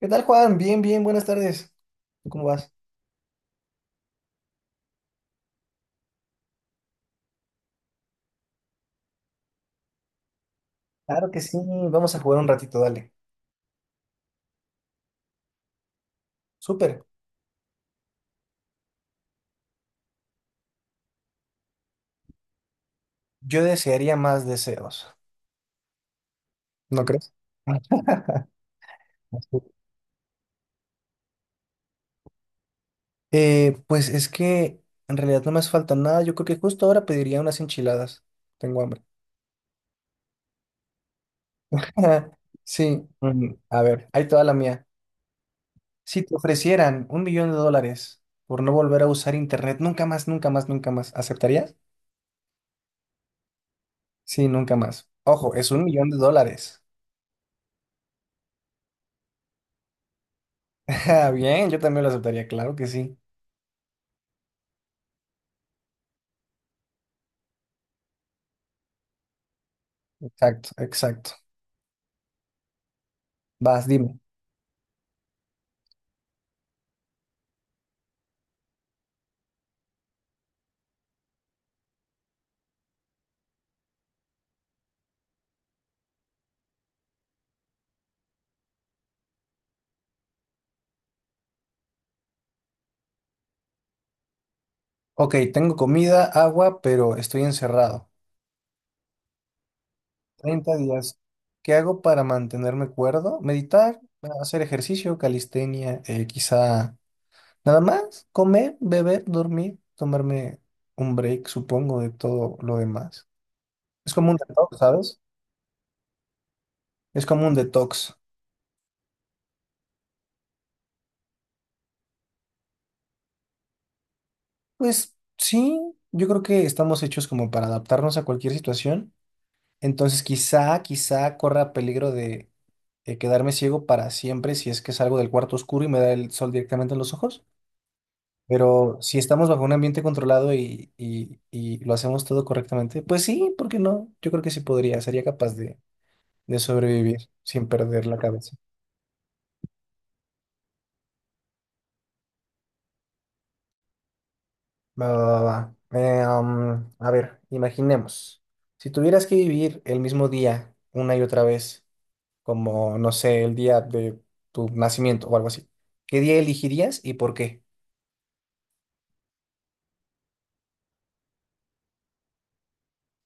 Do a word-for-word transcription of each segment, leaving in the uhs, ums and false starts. ¿Qué tal, Juan? Bien, bien, buenas tardes. ¿Tú cómo vas? Claro que sí, vamos a jugar un ratito, dale. Súper. Yo desearía más deseos. ¿No crees? Eh, pues es que en realidad no me hace falta nada. Yo creo que justo ahora pediría unas enchiladas. Tengo hambre. Sí, mm, a ver, ahí toda la mía. Si te ofrecieran un millón de dólares por no volver a usar internet, nunca más, nunca más, nunca más, ¿aceptarías? Sí, nunca más. Ojo, es un millón de dólares. Ah, bien, yo también lo aceptaría, claro que sí. Exacto, exacto. Vas, dime. Ok, tengo comida, agua, pero estoy encerrado. Treinta días. ¿Qué hago para mantenerme cuerdo? Meditar, hacer ejercicio, calistenia, eh, quizá nada más, comer, beber, dormir, tomarme un break, supongo, de todo lo demás. Es como un detox, ¿sabes? Es como un detox. Pues sí, yo creo que estamos hechos como para adaptarnos a cualquier situación. Entonces quizá, quizá corra peligro de eh, quedarme ciego para siempre si es que salgo del cuarto oscuro y me da el sol directamente en los ojos. Pero si estamos bajo un ambiente controlado y, y- y lo hacemos todo correctamente, pues sí, ¿por qué no? Yo creo que sí podría, sería capaz de, de sobrevivir sin perder la cabeza. Va, va, va, va. Eh, um, a ver, imaginemos, si tuvieras que vivir el mismo día una y otra vez, como, no sé, el día de tu nacimiento o algo así. ¿Qué día elegirías y por qué?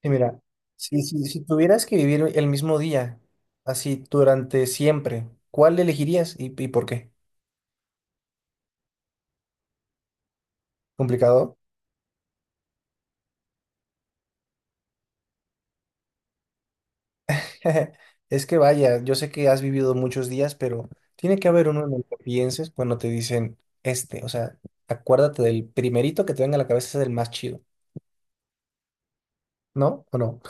Y mira, si, si, si tuvieras que vivir el mismo día, así durante siempre, ¿cuál elegirías y, y por qué? ¿Complicado? Es que vaya, yo sé que has vivido muchos días, pero tiene que haber uno en el que pienses cuando te dicen este, o sea, acuérdate del primerito que te venga a la cabeza es el más chido, ¿no? ¿O no?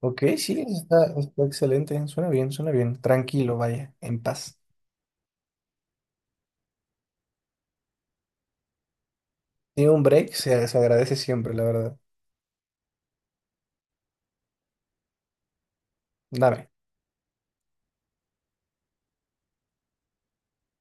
Ok, sí, está, está excelente, suena bien, suena bien, tranquilo, vaya, en paz. Sí, un break se, se agradece siempre, la verdad. Dame,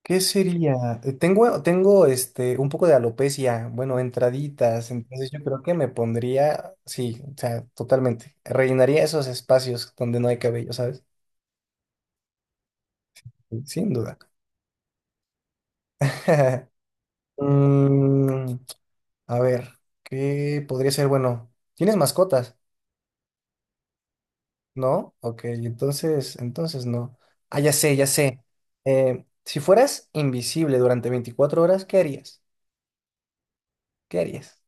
¿qué sería? Eh, Tengo, tengo este, un poco de alopecia, bueno, entraditas, entonces yo creo que me pondría, sí, o sea, totalmente. Rellenaría esos espacios donde no hay cabello, ¿sabes? Sí, sin duda. Mm, a ver, ¿qué podría ser? Bueno, ¿tienes mascotas? ¿No? Ok, entonces, entonces no. Ah, ya sé, ya sé. Eh, si fueras invisible durante veinticuatro horas, ¿qué harías? ¿Qué harías?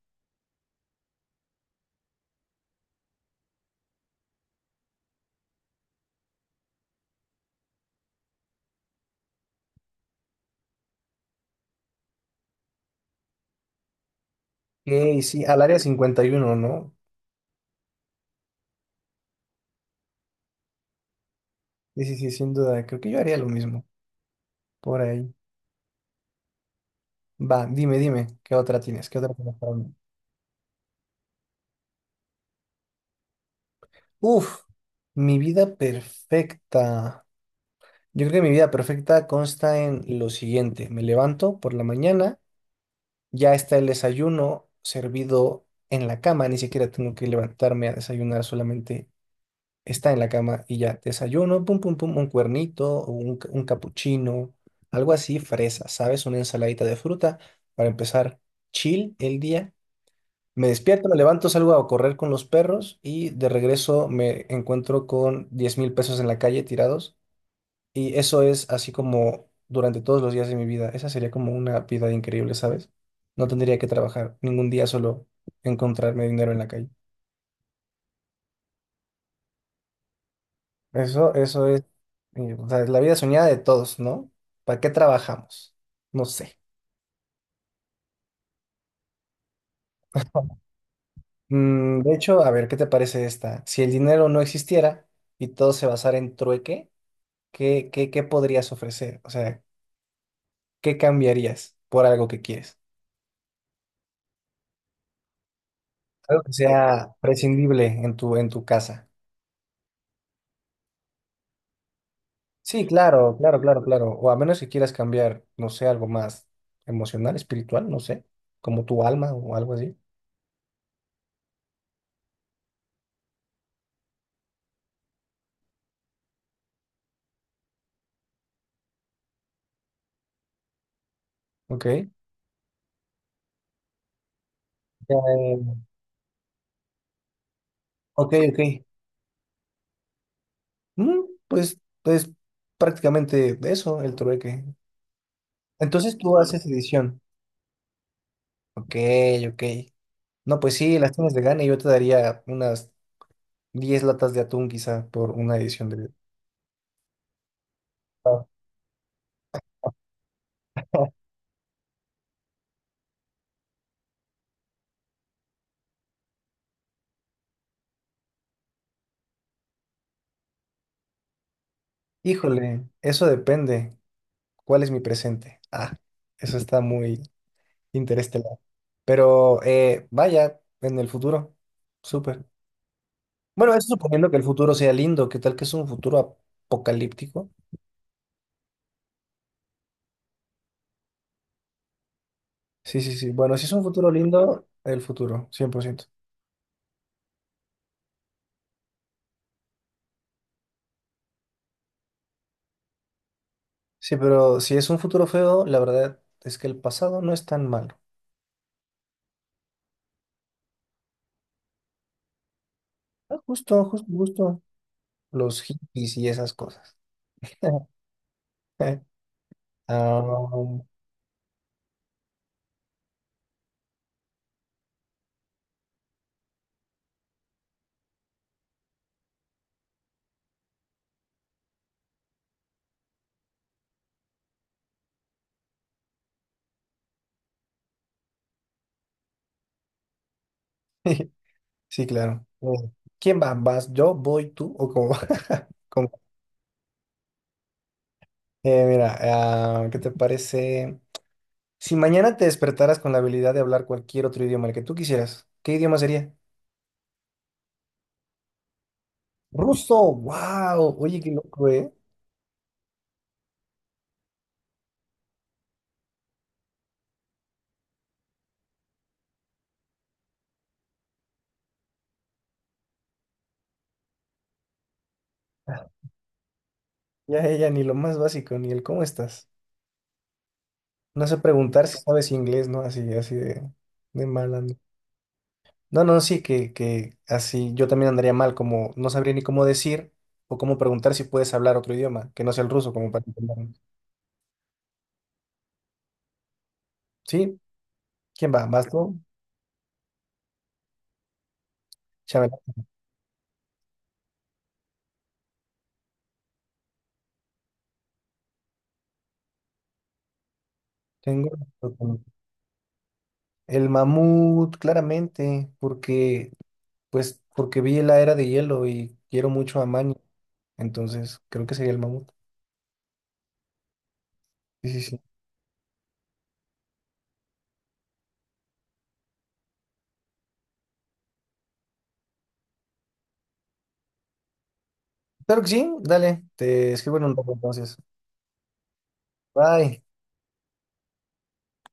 Ok, sí, al Área cincuenta y uno, ¿no? Sí, sí, sí, sin duda. Creo que yo haría lo mismo por ahí. Va, dime, dime, ¿qué otra tienes? ¿Qué otra tienes para mí? Uf, mi vida perfecta. Yo creo que mi vida perfecta consta en lo siguiente. Me levanto por la mañana, ya está el desayuno servido en la cama, ni siquiera tengo que levantarme a desayunar, solamente está en la cama y ya desayuno, pum, pum, pum, un cuernito, o un, ca- un capuchino, algo así, fresa, ¿sabes? Una ensaladita de fruta para empezar chill el día. Me despierto, me levanto, salgo a correr con los perros y de regreso me encuentro con diez mil pesos en la calle tirados. Y eso es así como durante todos los días de mi vida. Esa sería como una vida increíble, ¿sabes? No tendría que trabajar ningún día, solo encontrarme dinero en la calle. Eso, eso es, eh, o sea, es la vida soñada de todos, ¿no? ¿Para qué trabajamos? No sé. Mm, de hecho, a ver, ¿qué te parece esta? Si el dinero no existiera y todo se basara en trueque, ¿qué, qué, qué podrías ofrecer? O sea, ¿qué cambiarías por algo que quieres? Algo que sea prescindible en tu, en tu casa. Sí, claro, claro, claro, claro. O a menos que quieras cambiar, no sé, algo más emocional, espiritual, no sé, como tu alma o algo así. Ok. Ya, eh, ok, ok. Mm, pues, pues prácticamente eso, el trueque. Entonces tú haces edición. Ok, ok. No, pues sí, las tienes de gana y yo te daría unas diez latas de atún quizá por una edición de... Ah. Híjole, eso depende. ¿Cuál es mi presente? Ah, eso está muy interestelar. Pero eh, vaya, en el futuro. Súper. Bueno, eso suponiendo que el futuro sea lindo. ¿Qué tal que es un futuro apocalíptico? Sí, sí, sí. Bueno, si es un futuro lindo, el futuro, cien por ciento. Sí, pero si es un futuro feo, la verdad es que el pasado no es tan malo. Ah, justo, justo, justo. Los hippies y esas cosas. Am, sí, claro. Eh, ¿Quién va? ¿Vas yo? ¿Voy tú? ¿O cómo va? ¿Cómo? Eh, mira, ah, ¿qué te parece? Si mañana te despertaras con la habilidad de hablar cualquier otro idioma, el que tú quisieras, ¿qué idioma sería? Ruso, wow. Oye, qué loco, ¿eh? Ya ella ni lo más básico, ni el cómo estás. No sé preguntar si sabes inglés, ¿no? Así, así de, de mal ando. No, no, sí, que, que así yo también andaría mal, como no sabría ni cómo decir o cómo preguntar si puedes hablar otro idioma, que no sea el ruso, como para entender. ¿Sí? ¿Quién va? ¿Vas tú? Chabela. Tengo el mamut, claramente, porque, pues, porque vi La Era de Hielo y quiero mucho a Manny, entonces creo que sería el mamut. Sí, sí, sí. Claro que sí, dale, te escribo en un poco entonces. Bye.